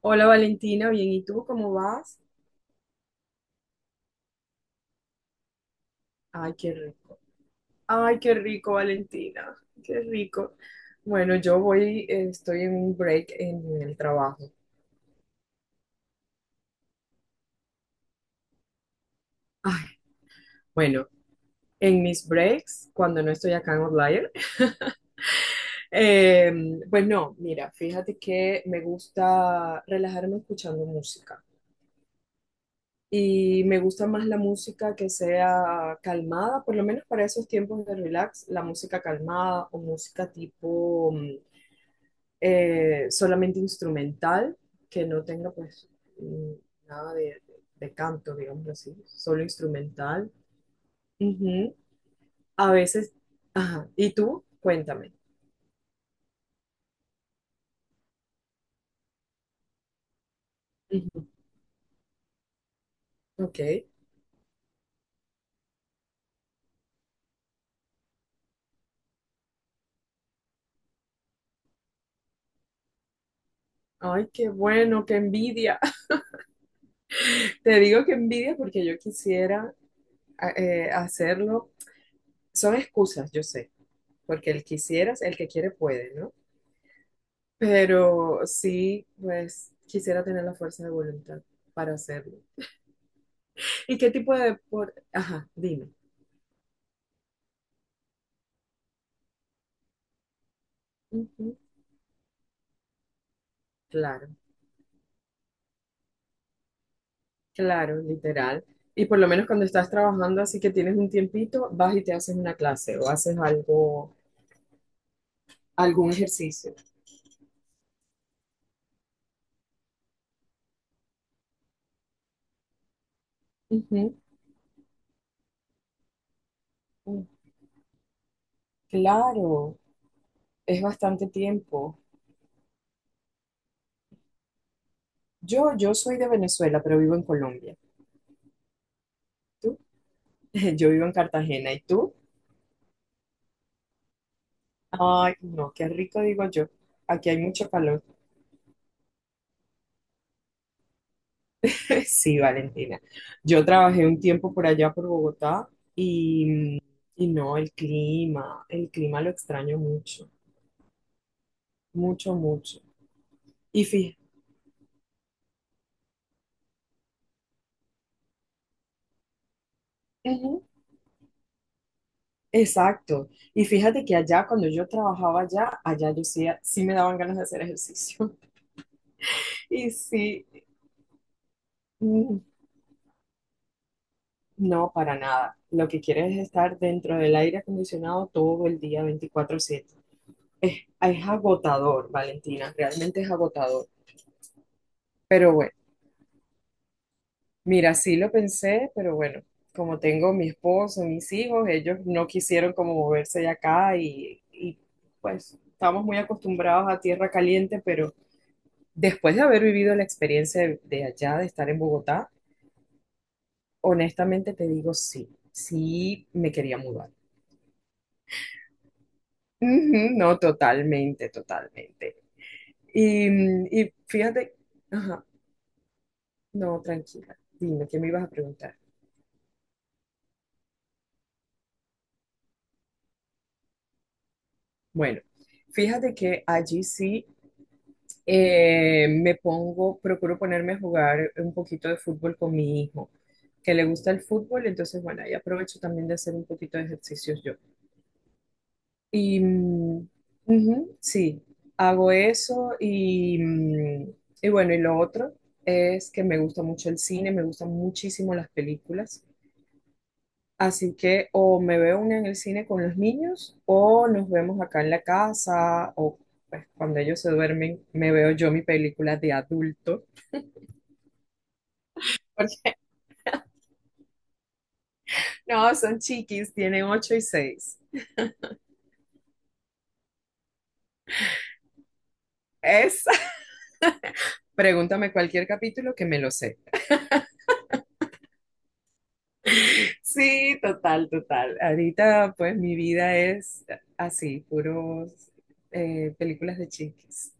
Hola Valentina, bien, ¿y tú cómo vas? Ay, qué rico. Ay, qué rico, Valentina. Qué rico. Bueno, yo voy, estoy en un break en el trabajo. Ay, bueno, en mis breaks, cuando no estoy acá en Outlier, eh, pues no, mira, fíjate que me gusta relajarme escuchando música. Y me gusta más la música que sea calmada, por lo menos para esos tiempos de relax, la música calmada o música tipo, solamente instrumental, que no tenga pues nada de canto, digamos así, solo instrumental. Ujú. A veces, ajá, ¿y tú? Cuéntame. Ujú. Ok. Ay, qué bueno, qué envidia. Te digo que envidia porque yo quisiera hacerlo. Son excusas, yo sé, porque el quisieras, el que quiere puede, ¿no? Pero sí, pues quisiera tener la fuerza de voluntad para hacerlo. ¿Y qué tipo de deporte? Ajá, dime. Ujú, claro, claro, literal. Y por lo menos cuando estás trabajando, así que tienes un tiempito, vas y te haces una clase o haces algo, algún ejercicio. Ujú, mm, claro, es bastante tiempo. Yo soy de Venezuela, pero vivo en Colombia. ¿Tú? Yo vivo en Cartagena. ¿Y tú? Ay, no, qué rico digo yo. Aquí hay mucho calor. Sí, Valentina. Yo trabajé un tiempo por allá, por Bogotá, y, y no, el clima, lo extraño mucho, mucho, mucho. Y fíjate, exacto. Y fíjate que allá, cuando yo trabajaba allá, allá yo sí, sí me daban ganas de hacer ejercicio. Y sí, mm, no, para nada. Lo que quieres es estar dentro del aire acondicionado todo el día, 24/7. Es agotador, Valentina, realmente es agotador. Pero bueno. Mira, sí lo pensé, pero bueno, como tengo mi esposo, mis hijos, ellos no quisieron como moverse de acá y, pues estamos muy acostumbrados a tierra caliente, pero después de haber vivido la experiencia de allá, de estar en Bogotá, honestamente te digo sí, sí me quería mudar. Ujú, no, totalmente, totalmente. Y fíjate, ajá, no, tranquila, dime, ¿qué me ibas a preguntar? Bueno, fíjate que allí sí me pongo, procuro ponerme a jugar un poquito de fútbol con mi hijo, que le gusta el fútbol, entonces bueno, ahí aprovecho también de hacer un poquito de ejercicios yo. Y ujú, sí, hago eso y bueno, y lo otro es que me gusta mucho el cine, me gustan muchísimo las películas. Así que o me veo una en el cine con los niños o nos vemos acá en la casa o pues, cuando ellos se duermen me veo yo mi película de adulto. No, son chiquis, tienen 8 y 6. Es, pregúntame cualquier capítulo que me lo sé. Sí, total, total. Ahorita, pues, mi vida es así, puros películas de chiquis.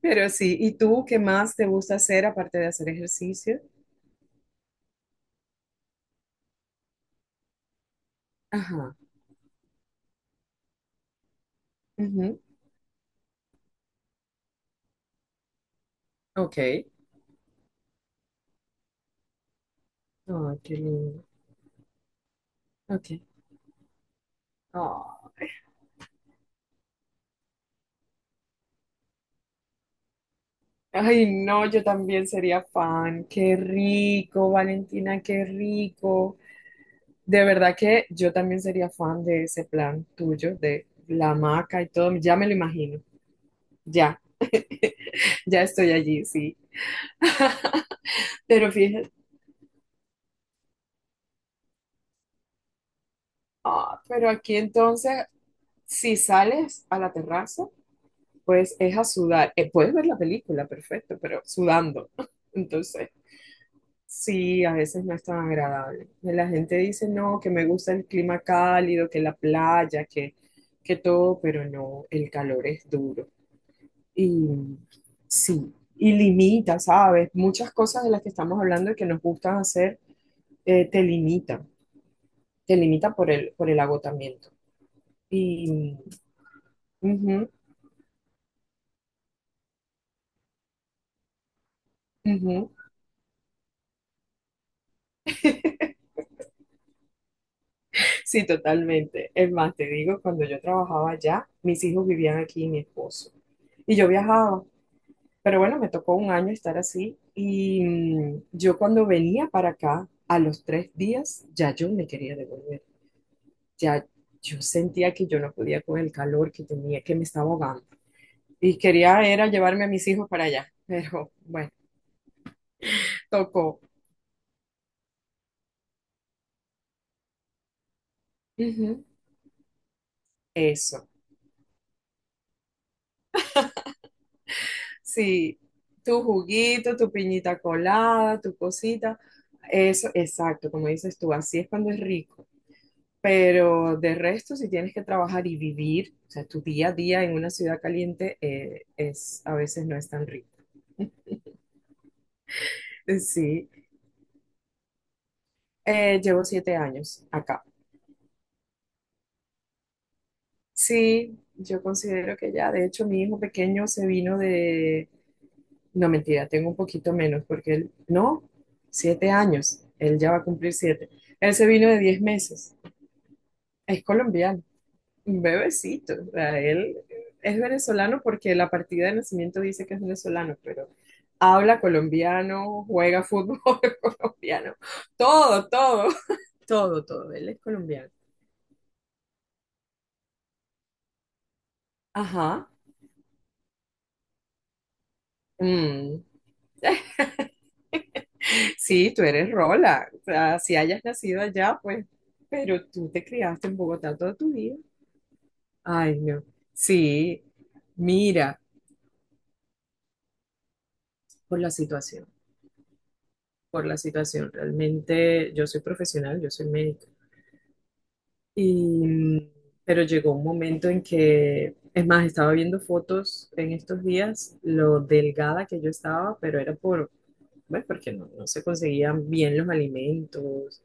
Pero sí, ¿y tú qué más te gusta hacer aparte de hacer ejercicio? Ajá. Ujú, ok. Ay, qué lindo. Ok. Oh. Ay, no, yo también sería fan. Qué rico, Valentina, qué rico. De verdad que yo también sería fan de ese plan tuyo, de la hamaca y todo. Ya me lo imagino. Ya, ya estoy allí, sí. Pero fíjate. Ah, pero aquí entonces, si sales a la terraza, pues es a sudar. Puedes ver la película, perfecto, pero sudando. Entonces, sí, a veces no es tan agradable. La gente dice, no, que me gusta el clima cálido, que la playa, que todo, pero no, el calor es duro. Y sí, y limita, ¿sabes? Muchas cosas de las que estamos hablando y que nos gustan hacer, te limitan. Te limita por el agotamiento. Y, ujú, ujú. Sí, totalmente. Es más, te digo, cuando yo trabajaba allá, mis hijos vivían aquí y mi esposo. Y yo viajaba. Pero bueno, me tocó un año estar así. Y yo cuando venía para acá, a los 3 días, ya yo me quería devolver. Ya yo sentía que yo no podía con el calor que tenía, que me estaba ahogando. Y quería era llevarme a mis hijos para allá. Pero bueno, tocó. Ujú. Eso. Sí, tu juguito, tu piñita colada, tu cosita. Eso, exacto, como dices tú, así es cuando es rico. Pero de resto, si tienes que trabajar y vivir, o sea, tu día a día en una ciudad caliente es, a veces no es tan rico. Sí, llevo 7 años acá. Sí, yo considero que ya, de hecho, mi hijo pequeño se vino de. No, mentira, tengo un poquito menos, porque él, no, 7 años, él ya va a cumplir 7. Él se vino de 10 meses. Es colombiano, un bebecito. O sea, él es venezolano porque la partida de nacimiento dice que es venezolano, pero habla colombiano, juega fútbol colombiano, todo, todo, todo, todo. Él es colombiano. Ajá. Mm. Sí, tú eres Rola. O sea, si hayas nacido allá, pues, pero tú te criaste en Bogotá toda tu vida. Ay, no. Sí, mira, por la situación, por la situación. Realmente yo soy profesional, yo soy médica. Y, pero llegó un momento en que, es más, estaba viendo fotos en estos días, lo delgada que yo estaba, pero era por, bueno, porque no, no se conseguían bien los alimentos.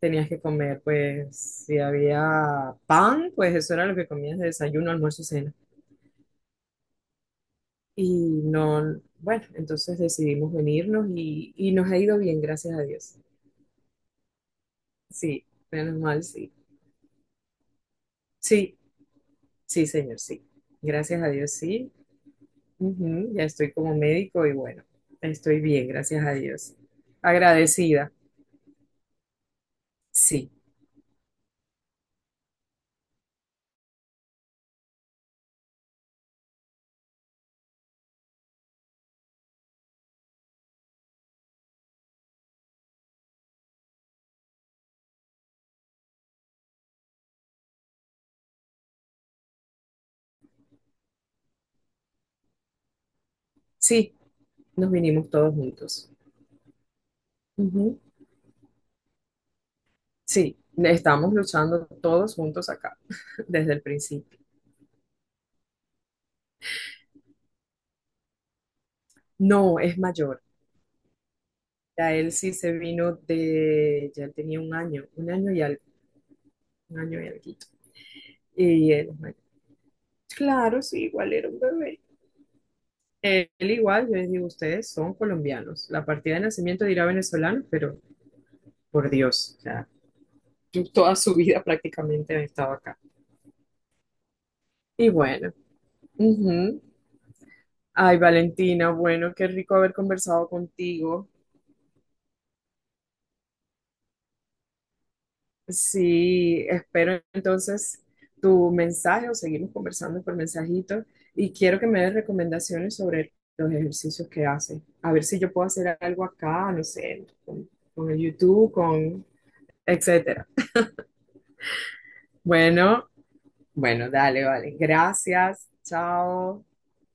Tenías que comer, pues, si había pan, pues eso era lo que comías de desayuno, almuerzo, cena. Y no, bueno, entonces decidimos venirnos y nos ha ido bien, gracias a Dios. Sí, menos mal, sí. Sí, sí, señor, sí. Gracias a Dios, sí. Ujú, ya estoy como médico y bueno, estoy bien, gracias a Dios. Agradecida. Sí, sí, nos vinimos todos juntos. Ujú, sí, estamos luchando todos juntos acá desde el principio. No, es mayor. Ya él sí se vino de, ya él tenía un año y algo, un año y alguito. Y él, es mayor. Claro, sí, igual era un bebé. Él igual, yo les digo, ustedes son colombianos. La partida de nacimiento dirá venezolano, pero por Dios, o sea, toda su vida prácticamente he estado acá. Y bueno, ujú. Ay, Valentina, bueno, qué rico haber conversado contigo. Sí, espero entonces tu mensaje o seguimos conversando por mensajito y quiero que me des recomendaciones sobre los ejercicios que haces. A ver si yo puedo hacer algo acá, no sé, con, el YouTube, con etcétera. Bueno, bueno, dale, vale. Gracias. Chao.